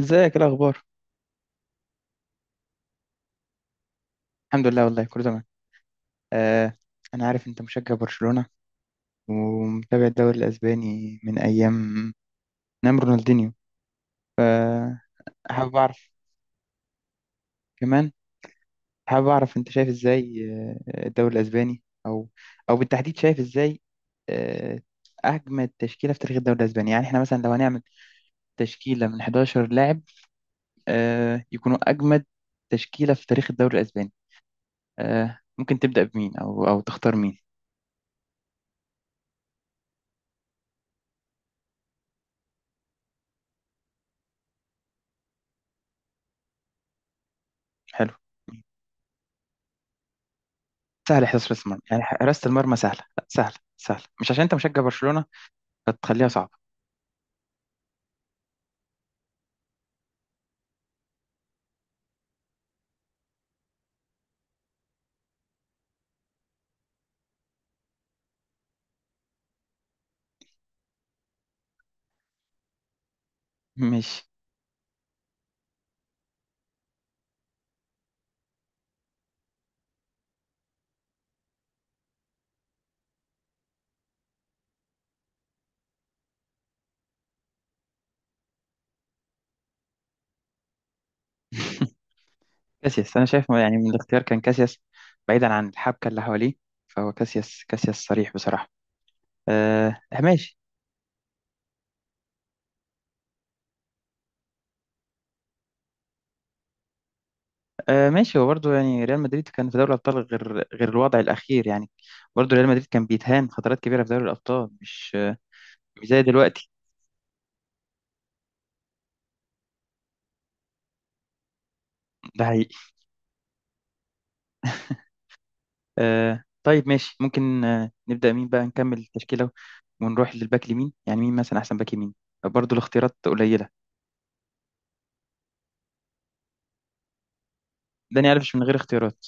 ازيك؟ ايه الاخبار؟ الحمد لله والله كله تمام. آه. انا عارف انت مشجع برشلونة ومتابع الدوري الاسباني من ايام. نعم رونالدينيو. حابب اعرف كمان. حابب اعرف انت شايف ازاي. الدوري الاسباني او بالتحديد شايف ازاي؟ آه، اجمد تشكيلة في تاريخ الدوري الاسباني، يعني احنا مثلا لو هنعمل تشكيلة من 11 لاعب يكونوا اجمد تشكيلة في تاريخ الدوري الاسباني. ممكن تبدأ بمين او تختار مين؟ حلو. سهل، حراسة المرمى يعني حراسة المرمى سهلة، لا سهلة سهلة، مش عشان انت مشجع برشلونة فتخليها صعبة. ماشي. كاسياس، انا شايف يعني من الاختيار كان كاسياس، بعيدا عن الحبكة اللي حواليه، فهو كاسياس صريح بصراحة. آه ماشي. آه ماشي، هو برضه يعني ريال مدريد كان في دوري الابطال غير الوضع الاخير، يعني برضه ريال مدريد كان بيتهان فترات كبيرة في دوري الابطال، مش زي دلوقتي. ده. آه طيب ماشي، ممكن نبدأ مين بقى نكمل التشكيلة، ونروح للباك اليمين. يعني مين مثلا أحسن باك يمين؟ برضو الاختيارات قليلة. داني ألفيش من غير اختيارات.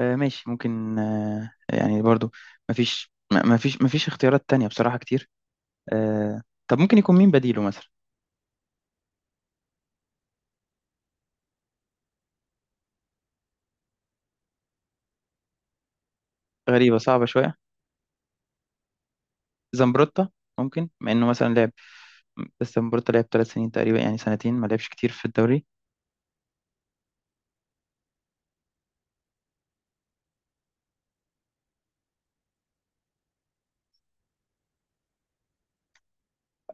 آه ماشي، ممكن يعني برضو مفيش م- مفيش مفيش اختيارات تانية بصراحة كتير. آه. طب ممكن يكون مين بديله مثلا؟ غريبة، صعبة شوية. زمبروتا ممكن مع إنه مثلا لعب، بس زمبروتا لعب 3 سنين تقريبا، يعني سنتين ما لعبش كتير في الدوري.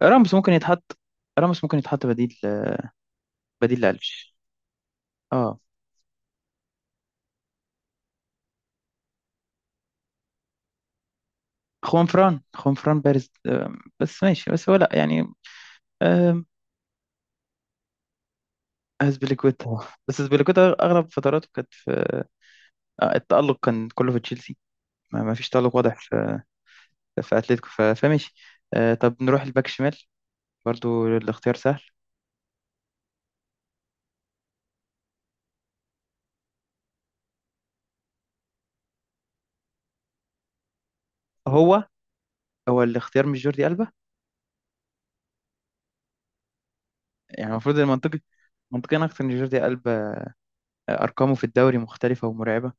راموس ممكن يتحط راموس ممكن يتحط بديل، بديل لألفيش. اه. خوان فران بارز، بس ماشي، بس هو لا يعني آه، أسبليكويتا. بس أسبليكويتا أغلب فتراته كانت في التألق كان كله في تشيلسي، ما فيش تألق واضح في أتلتيكو، فماشي. طب نروح الباك شمال، برضو الاختيار سهل. هو هو الاختيار مش جوردي ألبا؟ يعني المفروض المنطقي، منطقيا أكتر إن جوردي ألبا أرقامه في الدوري مختلفة ومرعبة،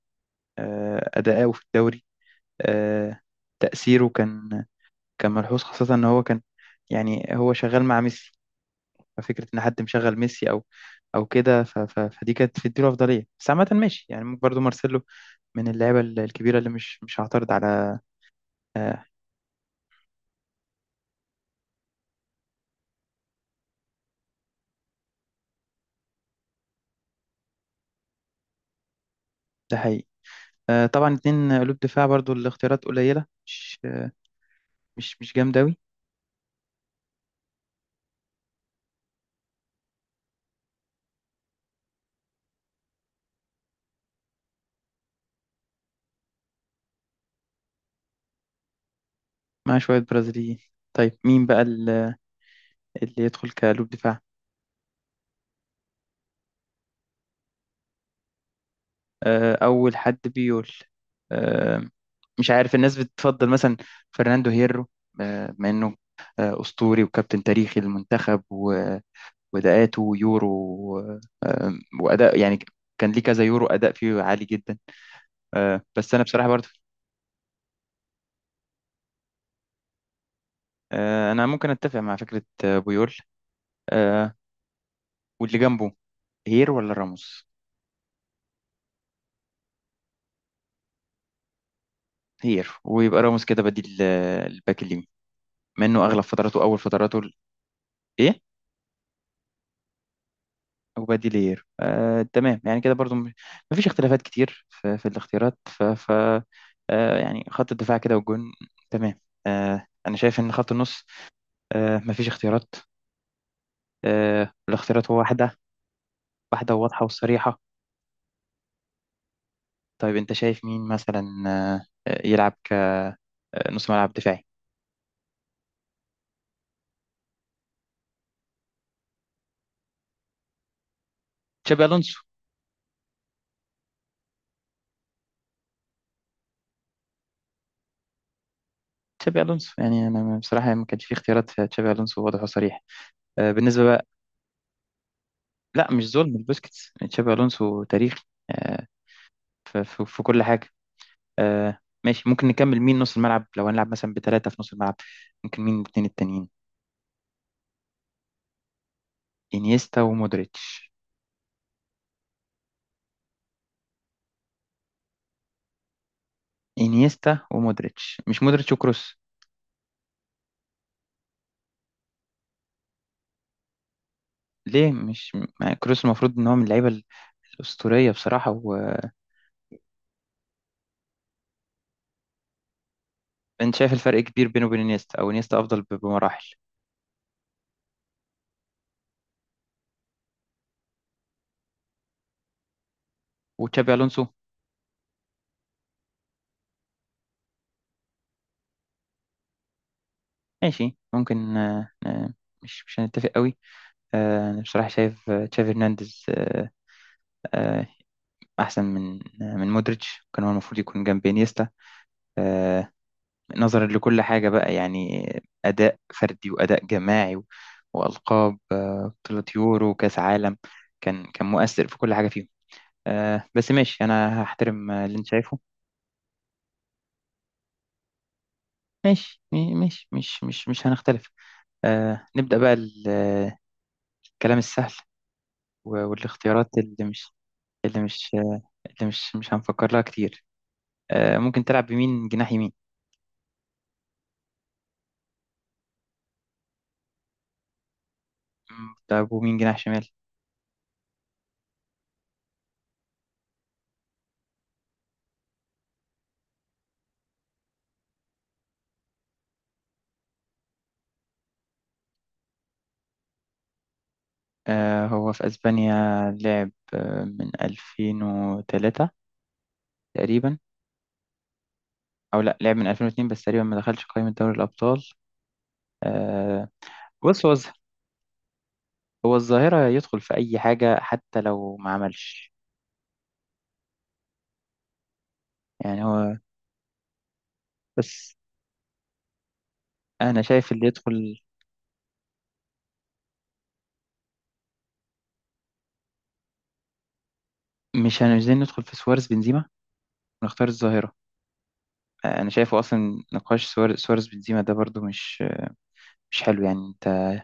أداؤه في الدوري آه، تأثيره كان ملحوظ، خاصة إن هو كان يعني هو شغال مع ميسي، ففكرة إن حد مشغل ميسي أو كده، فدي كانت بتديله أفضلية، بس عامة ماشي يعني ممكن برضه مارسيلو من اللعيبة الكبيرة اللي مش هعترض على. ده حقيقي. طبعا اتنين قلوب دفاع، برضه الاختيارات قليلة، مش مش جامدة أوي. مع شوية برازيليين. طيب مين بقى اللي يدخل كقلوب دفاع؟ أول حد بيقول آه، مش عارف الناس بتفضل مثلا فرناندو هيرو، بما إنه أسطوري وكابتن تاريخي للمنتخب، واداءاته يورو آه، واداء يعني كان ليه كذا يورو اداء فيه عالي جدا. بس انا بصراحه برضه انا ممكن اتفق مع فكره بويول. آه، واللي جنبه، هير ولا راموس؟ هير ويبقى راموس كده بديل، الباك اليمين منه اغلب فتراته اول فتراته ايه. وبديل هير، تمام يعني كده برضه مفيش اختلافات كتير في الاختيارات، ف, ف يعني خط الدفاع كده والجون. تمام. انا شايف ان خط النص مفيش اختيارات، الاختيارات هو واحدة، واحدة وواضحة وصريحة. طيب أنت شايف مين مثلا يلعب كنص ملعب دفاعي؟ تشابي ألونسو. تشابي ألونسو يعني أنا بصراحة ما كانش في اختيارات، في تشابي ألونسو واضح وصريح بالنسبة بقى. لا، مش ظلم لبوسكيتس، تشابي ألونسو تاريخي آه، في كل حاجة. آه، ماشي ممكن نكمل مين نص الملعب، لو هنلعب مثلا بثلاثة في نص الملعب ممكن مين الاثنين التانيين؟ إنيستا ومودريتش. إنيستا ومودريتش مش مودريتش وكروس؟ ليه مش مع كروس؟ المفروض ان هو من اللعيبه الاسطوريه بصراحه، وانت شايف الفرق كبير بينه وبين انيستا، او انيستا افضل بمراحل وتشابي الونسو؟ ماشي ممكن مش هنتفق قوي. انا بصراحه شايف تشافي هرنانديز آه، احسن من من مودريتش، كان هو المفروض يكون جنب انيستا آه، نظرا لكل حاجه بقى، يعني اداء فردي واداء جماعي والقاب بطوله يورو وكاس عالم، كان مؤثر في كل حاجه فيهم. آه بس ماشي، انا هحترم اللي انت شايفه. ماشي. ماشي مش هنختلف. آه نبدأ بقى الكلام السهل والاختيارات اللي مش، اللي مش آه، اللي مش هنفكر لها كتير. آه ممكن تلعب بمين جناح يمين؟ طب ومين جناح شمال؟ آه هو في اسبانيا لعب من 2003 تقريبا. او لا، لعب من 2002 بس تقريبا ما دخلش قائمة دوري الابطال. آه. بص هو هو الظاهرة يدخل في اي حاجة حتى لو ما عملش يعني. هو، بس انا شايف اللي يدخل، مش عايزين ندخل في سوارز بنزيما ونختار الظاهرة. انا شايفه اصلا نقاش سوارز بنزيما ده برضو مش حلو، يعني انت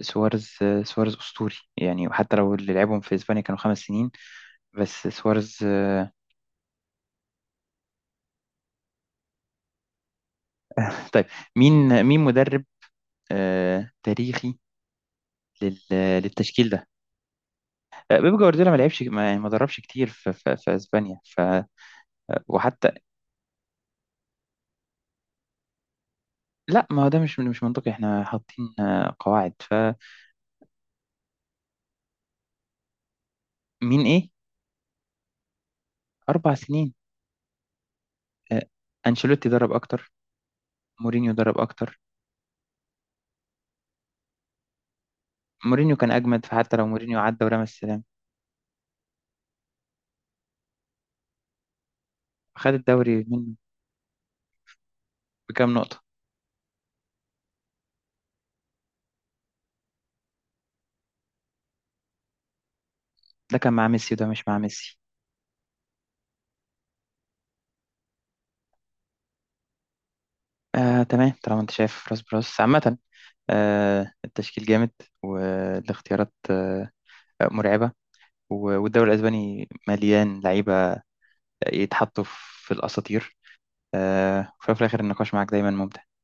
سوارز. سوارز اسطوري، يعني وحتى لو اللي لعبهم في اسبانيا كانوا 5 سنين بس سوارز. طيب مين مدرب تاريخي لل- للتشكيل ده؟ بيب جوارديولا ما لعبش ما يعني ما دربش كتير في اسبانيا. وحتى لا، ما هو ده مش منطقي، احنا حاطين قواعد. فمين؟ ايه؟ 4 سنين. آه، أنشيلوتي درب أكتر. مورينيو درب أكتر، مورينيو كان أجمد، فحتى لو مورينيو عدى ورمى السلام خد الدوري منه بكام نقطة. ده كان مع ميسي وده مش مع ميسي. آه تمام، طالما أنت شايف راس براس. عامة آه التشكيل جامد، والاختيارات آه مرعبة، والدوري الأسباني مليان لعيبة يتحطوا في الأساطير. آه وفي الآخر النقاش معاك دايما ممتع.